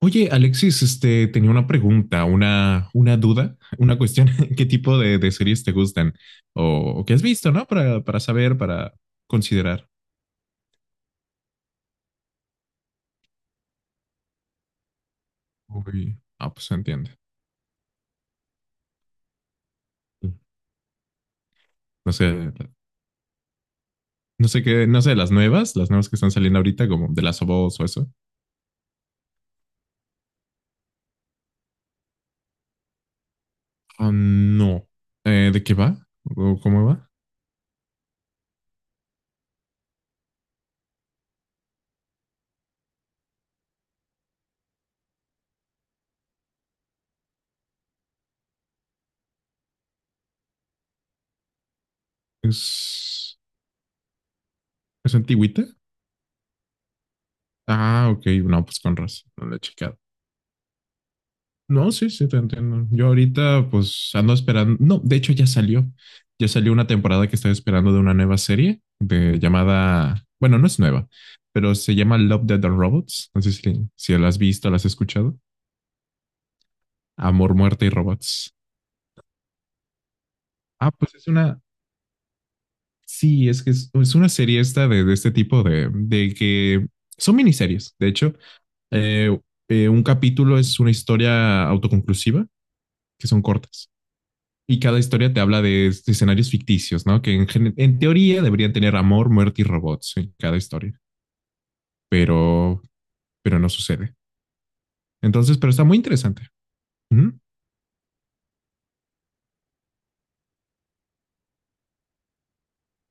Oye, Alexis, tenía una pregunta, una duda, una cuestión. ¿Qué tipo de series te gustan? O qué has visto, ¿no? Para saber, para considerar. Uy, pues se entiende. No sé, no sé, las nuevas que están saliendo ahorita, como de las of Us o eso. Ah, no. ¿De qué va? ¿O cómo va? ¿Es, es antigüita? Ah, ok, no, pues con razón, no lo he checado. No, sí, sí, te entiendo. Yo ahorita pues ando esperando, no, de hecho ya salió, una temporada que estoy esperando de una nueva serie de llamada, bueno, no es nueva, pero se llama Love, Death and Robots. No sé si la has visto, la has escuchado. Amor, muerte y robots. Ah, pues es una, sí, es que es una serie esta de este tipo de que son miniseries. De hecho, Eh, un capítulo es una historia autoconclusiva, que son cortas. Y cada historia te habla de escenarios ficticios, ¿no? Que en teoría deberían tener amor, muerte y robots en cada historia, pero, pero no sucede. Entonces, pero está muy interesante. ¿Mm?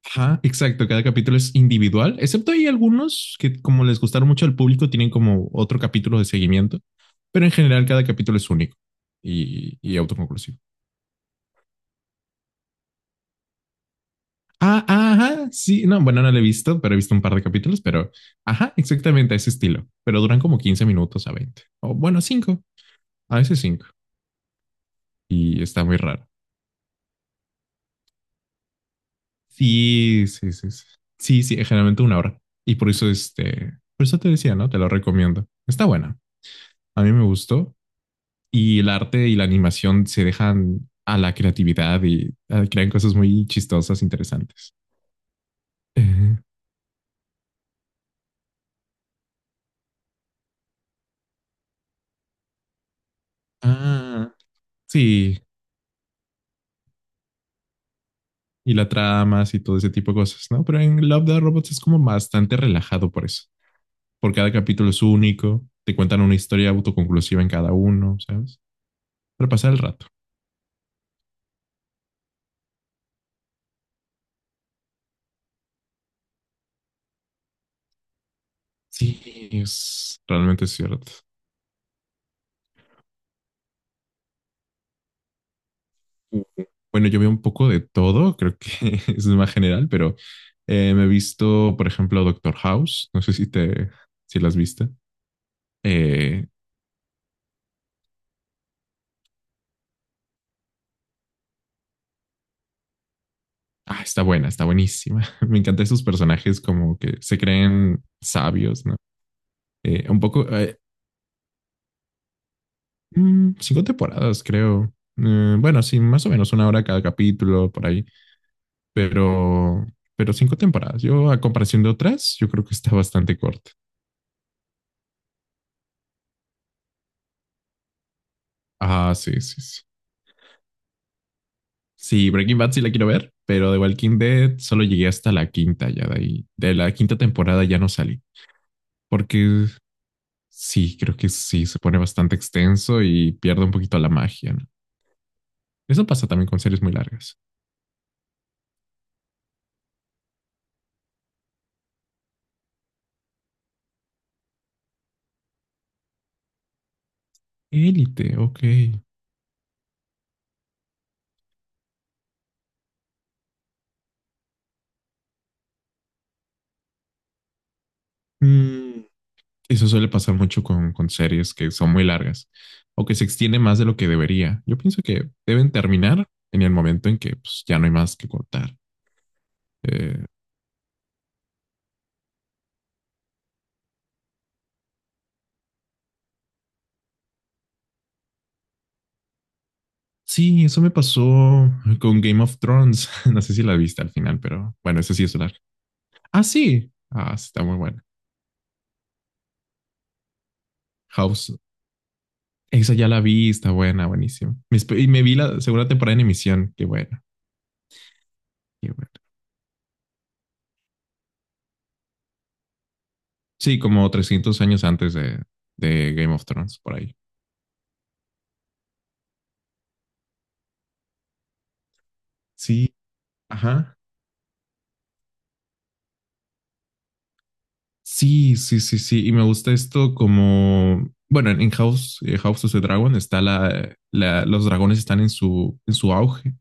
Ajá, exacto. Cada capítulo es individual, excepto hay algunos que, como les gustaron mucho al público, tienen como otro capítulo de seguimiento, pero en general cada capítulo es único y autoconclusivo. Ah, ajá, sí, no, bueno, no lo he visto, pero he visto un par de capítulos, pero ajá, exactamente a ese estilo, pero duran como 15 minutos a 20. O bueno, 5. A veces 5. Y está muy raro. Sí, sí, sí. Sí, sí, sí, generalmente 1 hora. Y por eso, por eso te decía, ¿no? Te lo recomiendo. Está buena. A mí me gustó. Y el arte y la animación se dejan a la creatividad y crean cosas muy chistosas, interesantes. Eh, ah, sí. Y la tramas y todo ese tipo de cosas, ¿no? Pero en Love the Robots es como bastante relajado por eso. Porque cada capítulo es único. Te cuentan una historia autoconclusiva en cada uno, ¿sabes? Para pasar el rato. Sí, es realmente cierto. Uh, Bueno, yo veo un poco de todo, creo que es más general, pero me he visto, por ejemplo, Doctor House, no sé si las viste. Eh, Está buena, está buenísima. Me encantan esos personajes como que se creen sabios, ¿no? Un poco. Cinco temporadas, creo. Bueno, sí, más o menos 1 hora cada capítulo, por ahí, pero, pero cinco temporadas. Yo, a comparación de otras, yo creo que está bastante corta. Ah, sí, sí, sí. Sí, Breaking Bad sí la quiero ver, pero de Walking Dead solo llegué hasta la quinta ya de ahí. De la quinta temporada ya no salí, porque sí, creo que sí, se pone bastante extenso y pierde un poquito la magia, ¿no? Eso pasa también con series muy largas. Élite, ok. Mm, Eso suele pasar mucho con series que son muy largas o que se extiende más de lo que debería. Yo pienso que deben terminar en el momento en que pues, ya no hay más que cortar. Eh, Sí, eso me pasó con Game of Thrones. No sé si la viste al final, pero bueno, eso sí es largo. Ah, sí. Ah, sí, está muy buena. House, esa ya la vi, está buena, buenísima. Y me vi la segunda temporada en emisión. Qué bueno, qué bueno. Sí, como 300 años antes de Game of Thrones, por ahí. Sí, ajá. Sí, sí, sí, sí. Y me gusta esto como, bueno, en House, House of the Dragon está los dragones están en en su auge.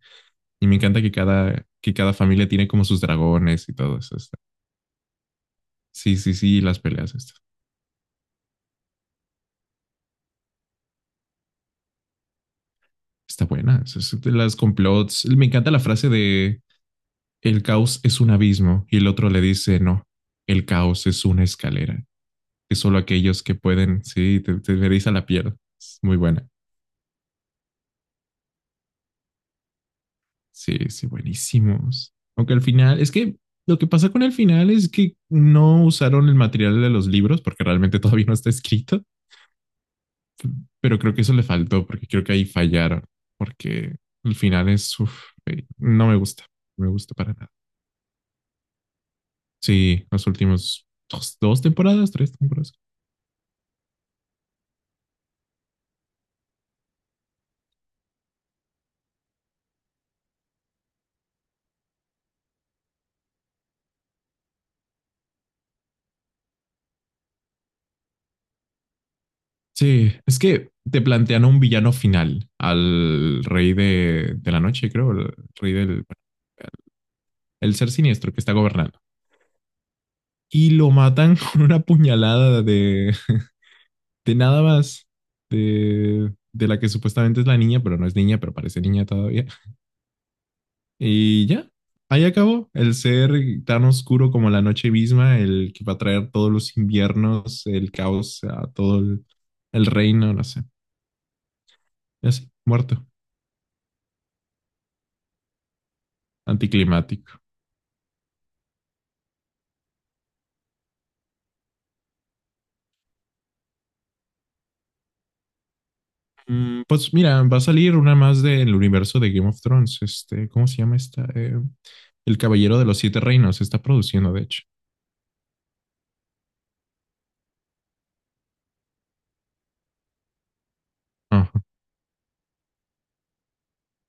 Y me encanta que cada familia tiene como sus dragones y todo eso. Sí, sí, sí, las peleas. Está buena. Eso es de las complots. Me encanta la frase de el caos es un abismo y el otro le dice, no, el caos es una escalera. Es solo aquellos que pueden, sí, te eriza la piel. Es muy buena. Sí, sí, buenísimos. Aunque al final, es que lo que pasa con el final es que no usaron el material de los libros porque realmente todavía no está escrito. Pero creo que eso le faltó porque creo que ahí fallaron, porque el final es, uf, no me gusta, no me gusta para nada. Sí, los últimos dos temporadas, tres temporadas. Sí, es que te plantean a un villano final, al rey de la noche, creo, el ser siniestro que está gobernando. Y lo matan con una puñalada de nada más, de la que supuestamente es la niña, pero no es niña, pero parece niña todavía. Y ya, ahí acabó. El ser tan oscuro como la noche misma, el que va a traer todos los inviernos, el caos a el reino, no sé. Y así, muerto, anticlimático. Pues mira, va a salir una más del universo de Game of Thrones. ¿Cómo se llama esta? El Caballero de los Siete Reinos. Se está produciendo, de hecho. Ajá.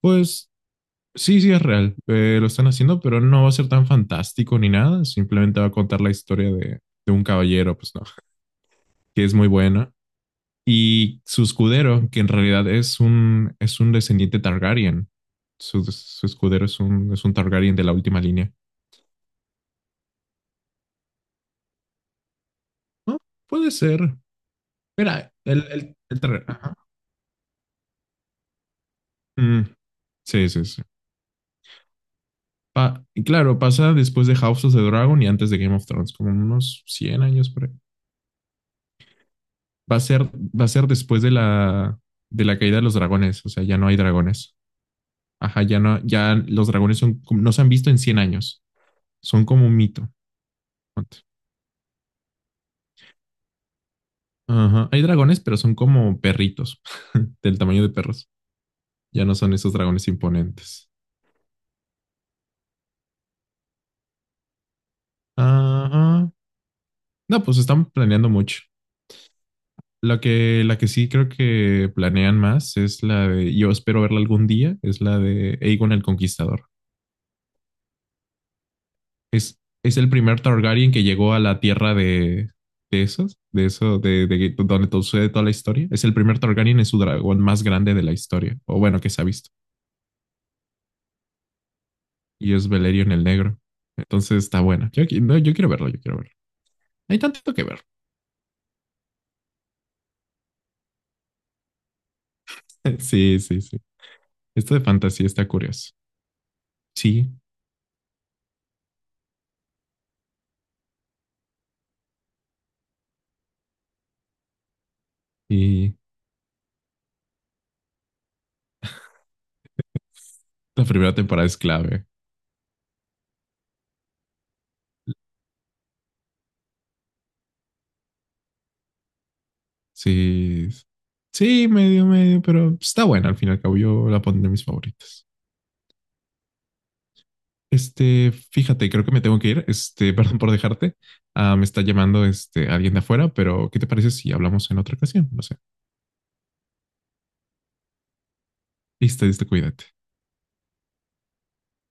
Pues sí, sí es real. Lo están haciendo, pero no va a ser tan fantástico ni nada. Simplemente va a contar la historia de un caballero, pues no, que es muy buena. Y su escudero, que en realidad es un descendiente Targaryen. Su escudero es un Targaryen de la última línea. Ah, puede ser. Mira, el Targaryen. Ajá. Mm, sí, sí, sí. Y claro, pasa después de House of the Dragon y antes de Game of Thrones, como unos 100 años por ahí. Va a ser, Va a ser después de de la caída de los dragones, o sea, ya no hay dragones. Ajá, ya no, ya los dragones son, no se han visto en 100 años, son como un mito. Ajá. Hay dragones, pero son como perritos, del tamaño de perros. Ya no son esos dragones imponentes. Ajá. No, pues están planeando mucho. La que sí creo que planean más es la de, yo espero verla algún día, es la de Aegon el Conquistador. Es el primer Targaryen que llegó a la tierra de esos, de eso, de donde todo sucede toda la historia. Es el primer Targaryen, es su dragón más grande de la historia, o bueno, que se ha visto. Y es Valerion el Negro. Entonces está buena. Yo, no, yo quiero verlo, yo quiero verlo. Hay tanto que ver. Sí, sí, sí. Esto de fantasía está curioso. Sí, y la primera temporada es clave. Sí, sí, medio, medio, pero está buena al fin y al cabo. Yo la pondré en mis favoritas. Fíjate, creo que me tengo que ir. Perdón por dejarte. Ah, me está llamando alguien de afuera, pero ¿qué te parece si hablamos en otra ocasión? No sé. Listo, listo, cuídate.